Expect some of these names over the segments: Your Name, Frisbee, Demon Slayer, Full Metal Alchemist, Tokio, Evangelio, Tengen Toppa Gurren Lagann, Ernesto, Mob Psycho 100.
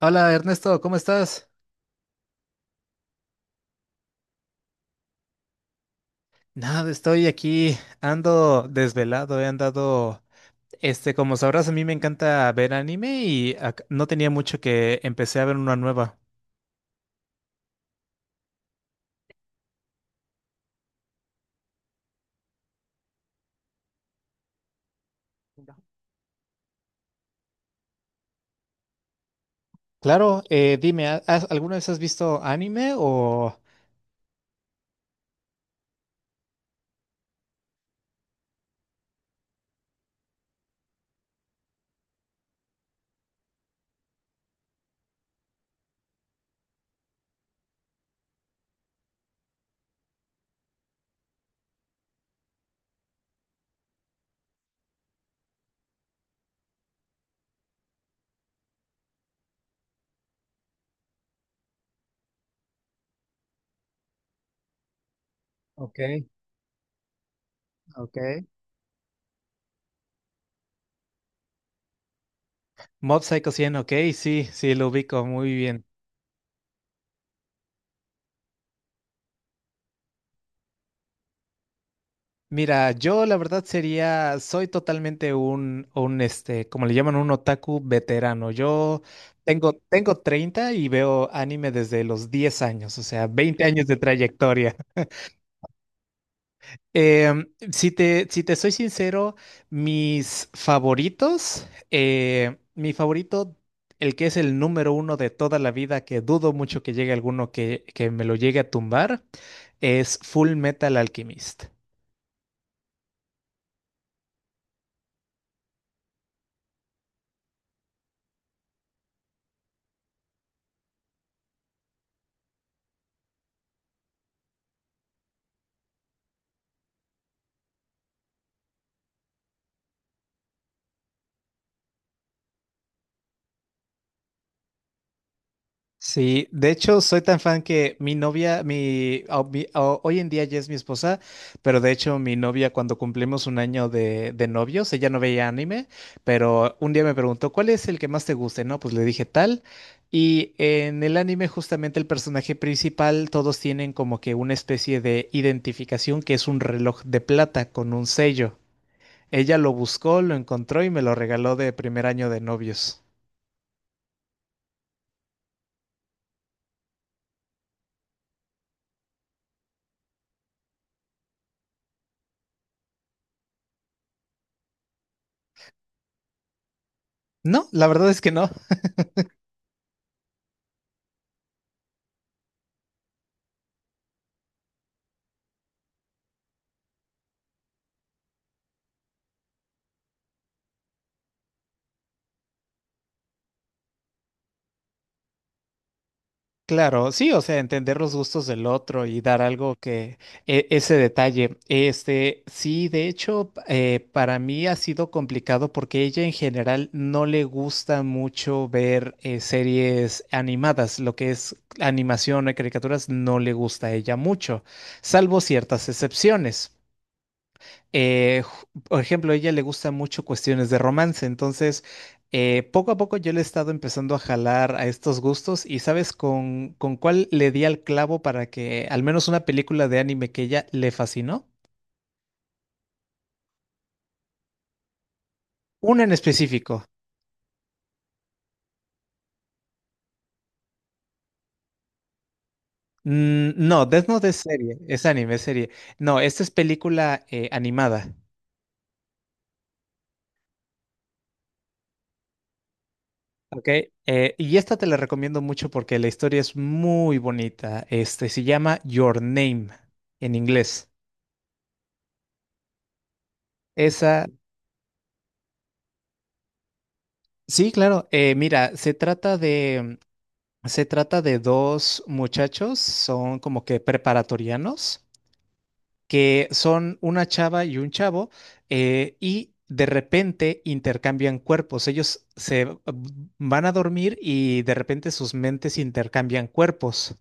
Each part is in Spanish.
Hola Ernesto, ¿cómo estás? Nada, estoy aquí, ando desvelado, he andado, este, como sabrás, a mí me encanta ver anime no tenía mucho que empecé a ver una nueva. Claro, dime, ¿alguna vez has visto anime o... Ok, ok. ¿Mob Psycho 100? Ok, sí, sí, lo ubico muy bien. Mira, yo la verdad sería, soy totalmente un este, como le llaman, un otaku veterano. Yo tengo 30 y veo anime desde los 10 años, o sea, 20 años de trayectoria. Si te soy sincero, mis favoritos, mi favorito, el que es el número uno de toda la vida, que dudo mucho que llegue alguno que me lo llegue a tumbar, es Full Metal Alchemist. Sí, de hecho soy tan fan que mi novia, hoy en día ya es mi esposa, pero de hecho mi novia cuando cumplimos 1 año de novios, ella no veía anime, pero un día me preguntó, ¿cuál es el que más te guste? No, pues le dije tal. Y en el anime justamente el personaje principal, todos tienen como que una especie de identificación que es un reloj de plata con un sello. Ella lo buscó, lo encontró y me lo regaló de primer año de novios. No, la verdad es que no. Claro, sí, o sea, entender los gustos del otro y dar algo que ese detalle. Este, sí, de hecho, para mí ha sido complicado porque ella en general no le gusta mucho ver series animadas, lo que es animación o caricaturas no le gusta a ella mucho, salvo ciertas excepciones eh, por ejemplo, a ella le gustan mucho cuestiones de romance, entonces poco a poco yo le he estado empezando a jalar a estos gustos y sabes con cuál le di al clavo para que al menos una película de anime que ella le fascinó, una en específico. Mm, no, Death Note es serie, es anime, es serie. No, esta es película animada. Ok, y esta te la recomiendo mucho porque la historia es muy bonita. Este se llama Your Name en inglés. Esa... Sí, claro. Mira, se trata de dos muchachos, son como que preparatorianos, que son una chava y un chavo, y de repente intercambian cuerpos. Ellos se van a dormir y de repente sus mentes intercambian cuerpos.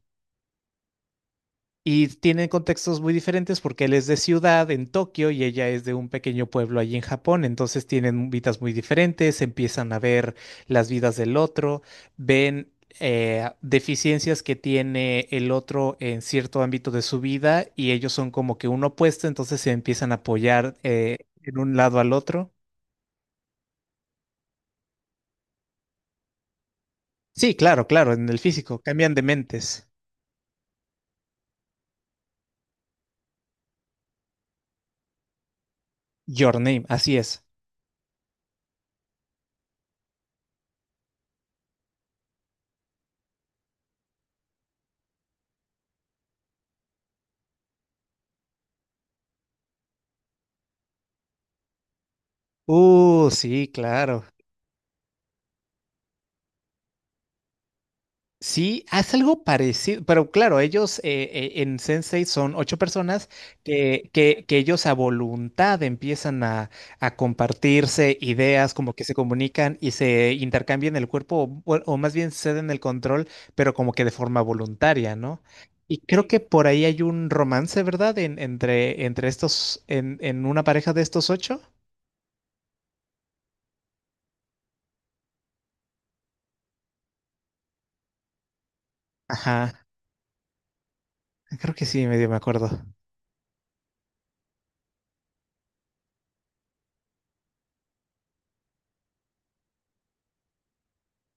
Y tienen contextos muy diferentes porque él es de ciudad en Tokio y ella es de un pequeño pueblo allí en Japón. Entonces tienen vidas muy diferentes, empiezan a ver las vidas del otro, ven deficiencias que tiene el otro en cierto ámbito de su vida y ellos son como que un opuesto, entonces se empiezan a apoyar en un lado al otro. Sí, claro, claro, en el físico, cambian de mentes. Your Name, así es. Sí, claro. Sí, haz algo parecido, pero claro, ellos en Sensei son ocho personas que ellos a voluntad empiezan a compartirse ideas, como que se comunican y se intercambian el cuerpo, o, bueno, o más bien ceden el control, pero como que de forma voluntaria, ¿no? Y creo que por ahí hay un romance, ¿verdad? Entre estos, en una pareja de estos ocho. Ajá, creo que sí, medio me acuerdo.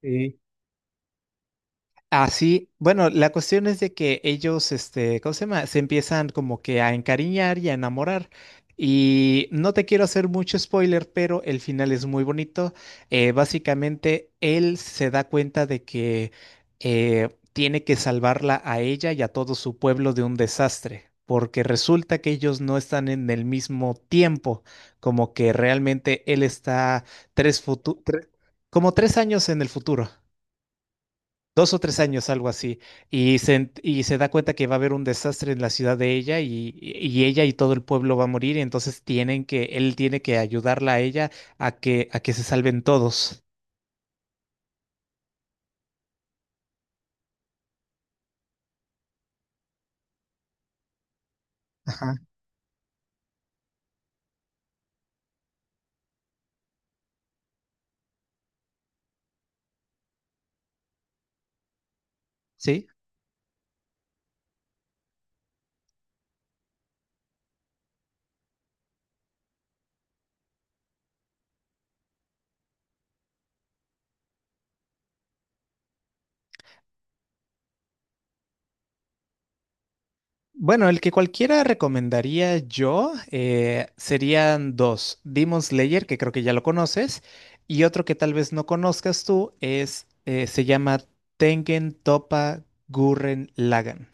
Sí. Ah, sí. Bueno, la cuestión es de que ellos, este, ¿cómo se llama? Se empiezan como que a encariñar y a enamorar. Y no te quiero hacer mucho spoiler, pero el final es muy bonito. Básicamente, él se da cuenta de que tiene que salvarla a ella y a todo su pueblo de un desastre, porque resulta que ellos no están en el mismo tiempo, como que realmente él está tres futu- tre- como 3 años en el futuro, 2 o 3 años, algo así, y se da cuenta que va a haber un desastre en la ciudad de ella y ella y todo el pueblo va a morir, y entonces tienen que, él tiene que ayudarla a ella a que se salven todos. Ajá. ¿Sí? Bueno, el que cualquiera recomendaría yo serían dos, Demon Slayer, que creo que ya lo conoces, y otro que tal vez no conozcas tú es, se llama Tengen Toppa Gurren Lagann.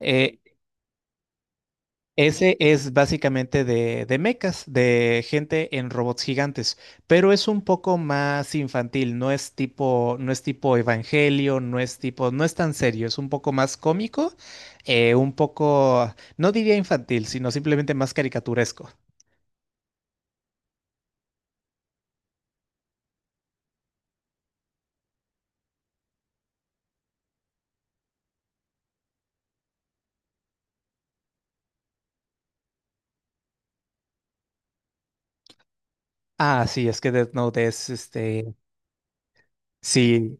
Eh, Ese es básicamente de mechas, de gente en robots gigantes, pero es un poco más infantil, no es tipo, no es tipo Evangelio, no es tipo, no es tan serio, es un poco más cómico, un poco, no diría infantil, sino simplemente más caricaturesco. Ah, sí, es que Death Note es este, sí.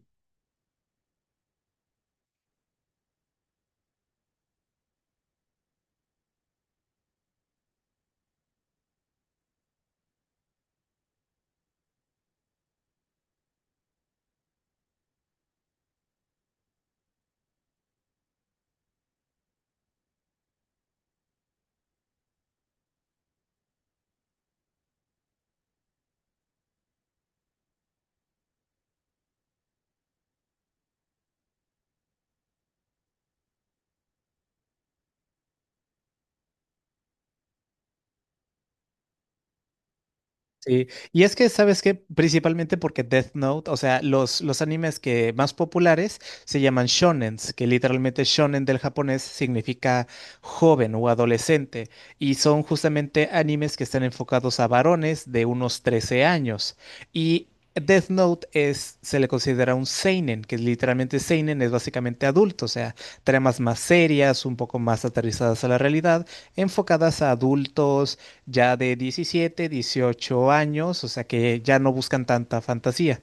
Sí, y es que, ¿sabes qué? Principalmente porque Death Note, o sea, los animes que más populares se llaman shonens, que literalmente shonen del japonés significa joven o adolescente, y son justamente animes que están enfocados a varones de unos 13 años. Y Death Note es, se le considera un seinen, que literalmente seinen es básicamente adulto, o sea, tramas más serias, un poco más aterrizadas a la realidad, enfocadas a adultos ya de 17, 18 años, o sea que ya no buscan tanta fantasía.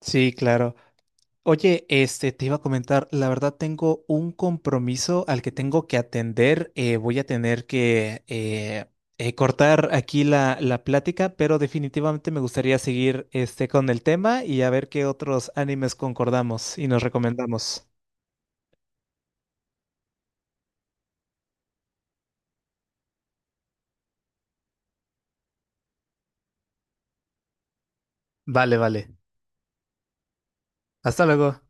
Sí, claro. Oye, este, te iba a comentar, la verdad tengo un compromiso al que tengo que atender. Voy a tener que cortar aquí la plática, pero definitivamente me gustaría seguir este, con el tema y a ver qué otros animes concordamos y nos recomendamos. Vale, vale. Hasta luego.